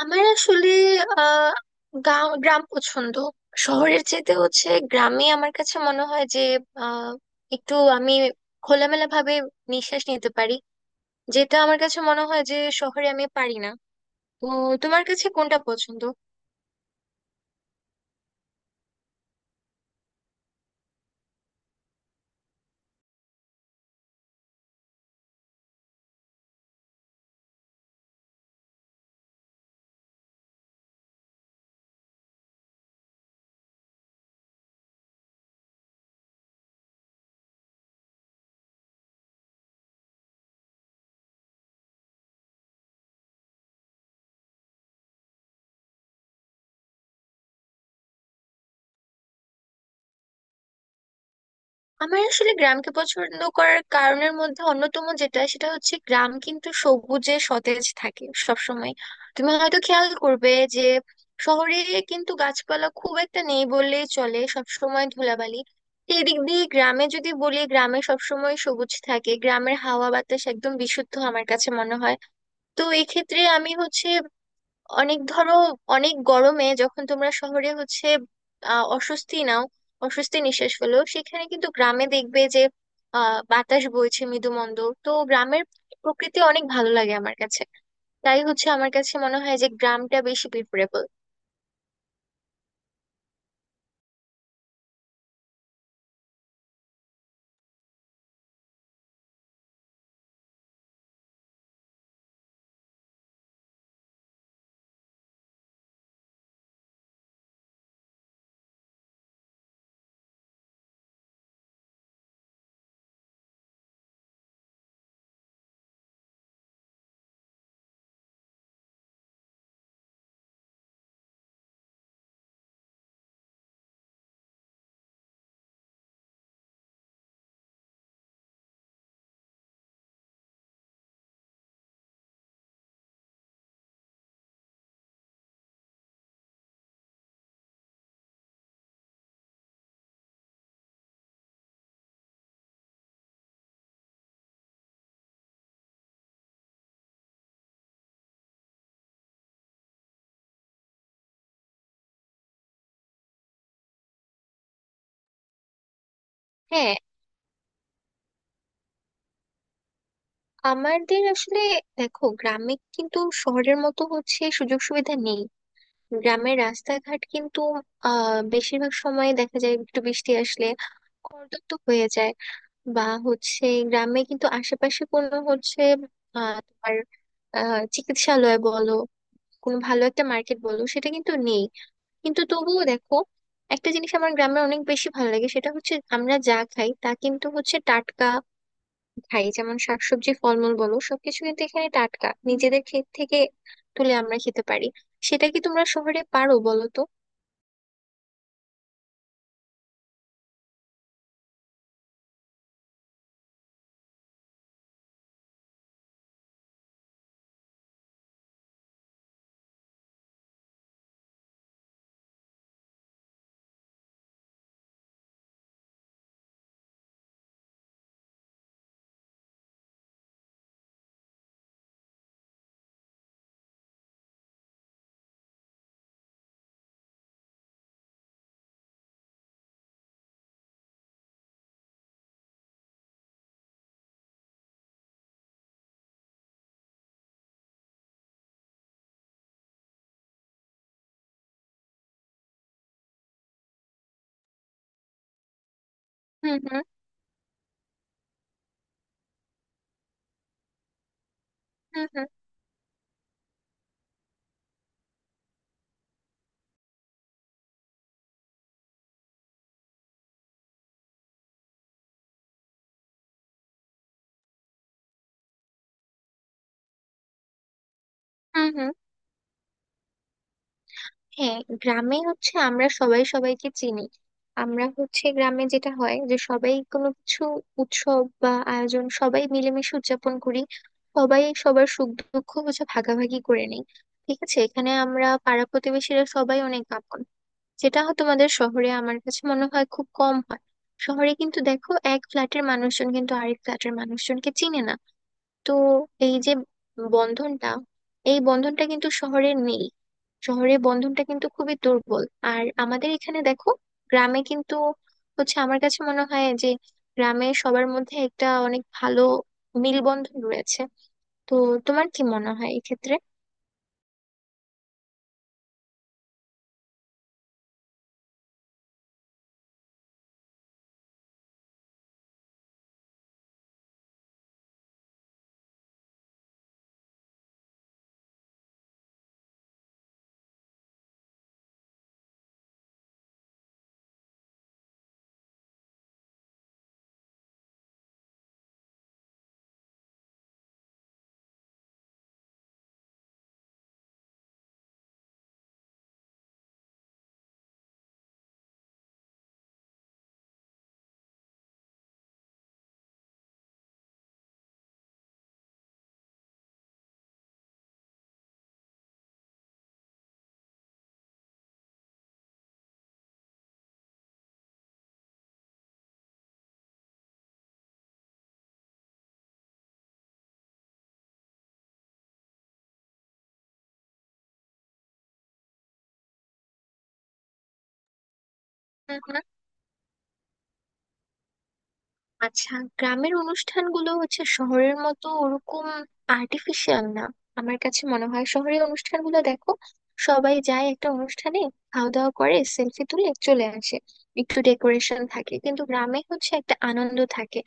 আমার আসলে আহ গ্রাম পছন্দ। শহরের চেয়ে হচ্ছে গ্রামে আমার কাছে মনে হয় যে আহ একটু আমি খোলামেলা ভাবে নিঃশ্বাস নিতে পারি, যেটা আমার কাছে মনে হয় যে শহরে আমি পারি না। তো তোমার কাছে কোনটা পছন্দ? আমার আসলে গ্রামকে পছন্দ করার কারণের মধ্যে অন্যতম যেটা, সেটা হচ্ছে গ্রাম কিন্তু সবুজে সতেজ থাকে সবসময়। তুমি হয়তো খেয়াল করবে যে শহরে কিন্তু গাছপালা খুব একটা নেই বললেই চলে, সবসময় ধুলাবালি। এদিক দিয়ে গ্রামে যদি বলি, গ্রামে সবসময় সবুজ থাকে, গ্রামের হাওয়া বাতাস একদম বিশুদ্ধ আমার কাছে মনে হয়। তো এক্ষেত্রে আমি হচ্ছে অনেক ধরো, অনেক গরমে যখন তোমরা শহরে হচ্ছে অস্বস্তি নাও, অস্বস্তি নিঃশ্বাস ফেলো, সেখানে কিন্তু গ্রামে দেখবে যে বাতাস বইছে মৃদু মন্দ। তো গ্রামের প্রকৃতি অনেক ভালো লাগে আমার কাছে। তাই হচ্ছে আমার কাছে মনে হয় যে গ্রামটা বেশি প্রিফারেবল। হ্যাঁ, আমাদের আসলে দেখো গ্রামে কিন্তু শহরের মতো হচ্ছে সুযোগ সুবিধা নেই। গ্রামের রাস্তাঘাট কিন্তু বেশিরভাগ সময় দেখা যায় একটু বৃষ্টি আসলে কর্দমাক্ত হয়ে যায়। বা হচ্ছে গ্রামে কিন্তু আশেপাশে কোনো হচ্ছে আহ, তোমার চিকিৎসালয় বলো, কোনো ভালো একটা মার্কেট বলো, সেটা কিন্তু নেই। কিন্তু তবুও দেখো, একটা জিনিস আমার গ্রামে অনেক বেশি ভালো লাগে সেটা হচ্ছে আমরা যা খাই তা কিন্তু হচ্ছে টাটকা। খাই যেমন শাকসবজি ফলমূল বলো, সবকিছু কিন্তু এখানে টাটকা, নিজেদের ক্ষেত থেকে তুলে আমরা খেতে পারি। সেটা কি তোমরা শহরে পারো বলো তো? হুম, হুম। হুম, হুম। হুম, হুম। হ্যাঁ, গ্রামে হচ্ছে আমরা সবাই সবাইকে চিনি। আমরা হচ্ছে গ্রামে যেটা হয় যে সবাই কোনো কিছু উৎসব বা আয়োজন সবাই মিলেমিশে উদযাপন করি। সবাই সবার সুখ দুঃখ হচ্ছে ভাগাভাগি করে নিই। ঠিক আছে, এখানে আমরা পাড়া প্রতিবেশীরা সবাই অনেক আপন, যেটা হয়তো তোমাদের শহরে আমার কাছে মনে হয় খুব কম হয়। শহরে কিন্তু দেখো এক ফ্ল্যাটের মানুষজন কিন্তু আরেক ফ্ল্যাটের মানুষজনকে চিনে না। তো এই যে বন্ধনটা, এই বন্ধনটা কিন্তু শহরে নেই। শহরের বন্ধনটা কিন্তু খুবই দুর্বল। আর আমাদের এখানে দেখো, গ্রামে কিন্তু হচ্ছে আমার কাছে মনে হয় যে গ্রামে সবার মধ্যে একটা অনেক ভালো মেলবন্ধন রয়েছে। তো তোমার কি মনে হয় এক্ষেত্রে? আচ্ছা, গ্রামের অনুষ্ঠানগুলো হচ্ছে শহরের মতো ওরকম আর্টিফিশিয়াল না। আমার কাছে মনে হয় শহরের অনুষ্ঠানগুলো দেখো, সবাই যায় একটা অনুষ্ঠানে, খাওয়া দাওয়া করে সেলফি তুলে চলে আসে, একটু ডেকোরেশন থাকে। কিন্তু গ্রামে হচ্ছে একটা আনন্দ থাকে।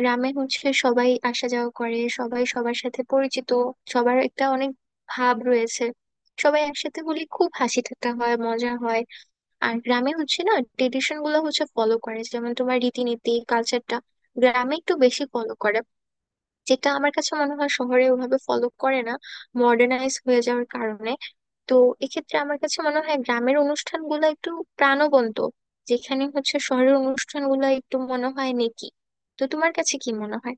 গ্রামে হচ্ছে সবাই আসা যাওয়া করে, সবাই সবার সাথে পরিচিত, সবার একটা অনেক ভাব রয়েছে। সবাই একসাথে হলে খুব হাসি ঠাট্টা হয়, মজা হয়। আর গ্রামে হচ্ছে না ট্রেডিশন গুলো হচ্ছে ফলো করে, যেমন তোমার রীতিনীতি কালচারটা গ্রামে একটু বেশি ফলো করে, যেটা আমার কাছে মনে হয় শহরে ওভাবে ফলো করে না, মডার্নাইজ হয়ে যাওয়ার কারণে। তো এক্ষেত্রে আমার কাছে মনে হয় গ্রামের অনুষ্ঠানগুলো একটু প্রাণবন্ত, যেখানে হচ্ছে শহরের অনুষ্ঠানগুলো একটু মনে হয় নেকি। তো তোমার কাছে কি মনে হয়?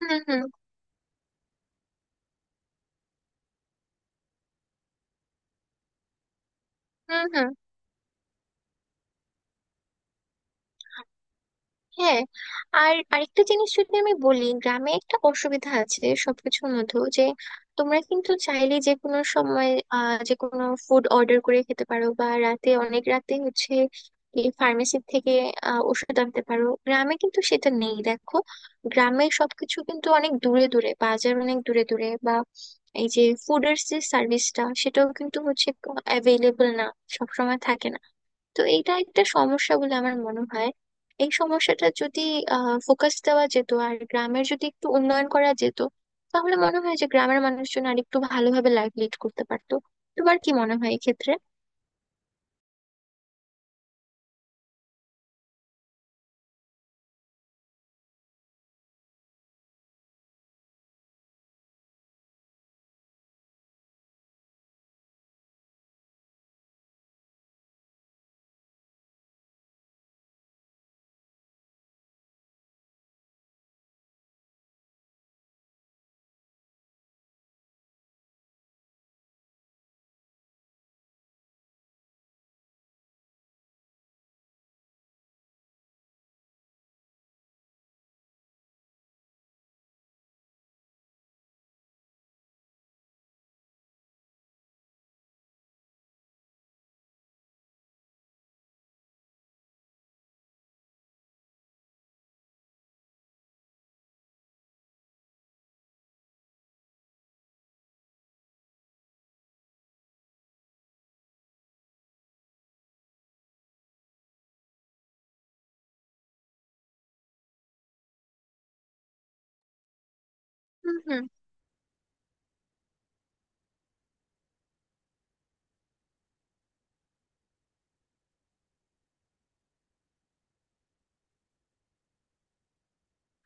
হুম, হুম। হুম, হুম। হ্যাঁ, আর আরেকটা জিনিস যদি আমি বলি, গ্রামে একটা অসুবিধা আছে সবকিছুর মধ্যেও, যে তোমরা কিন্তু চাইলে যে কোনো সময় যে কোনো ফুড অর্ডার করে খেতে পারো, বা রাতে অনেক রাতে হচ্ছে ফার্মেসি থেকে ওষুধ আনতে পারো, গ্রামে কিন্তু সেটা নেই দেখো। গ্রামে সবকিছু কিন্তু অনেক দূরে দূরে, বাজার অনেক দূরে দূরে, বা এই যে ফুডের যে সার্ভিসটা, সেটাও কিন্তু হচ্ছে অ্যাভেলেবল না, সবসময় থাকে না। তো এইটা একটা সমস্যা বলে আমার মনে হয়। এই সমস্যাটা যদি ফোকাস দেওয়া যেত আর গ্রামের যদি একটু উন্নয়ন করা যেত, তাহলে মনে হয় যে গ্রামের মানুষজন আর একটু ভালোভাবে লাইফ লিড করতে পারতো। তোমার কি মনে হয় এক্ষেত্রে? হুম, হুম।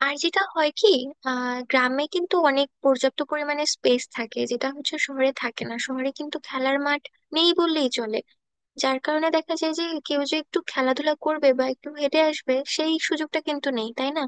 আর যেটা হয় কি, গ্রামে কিন্তু অনেক পর্যাপ্ত পরিমাণে স্পেস থাকে, যেটা হচ্ছে শহরে থাকে না। শহরে কিন্তু খেলার মাঠ নেই বললেই চলে, যার কারণে দেখা যায় যে কেউ যে একটু খেলাধুলা করবে বা একটু হেঁটে আসবে, সেই সুযোগটা কিন্তু নেই, তাই না?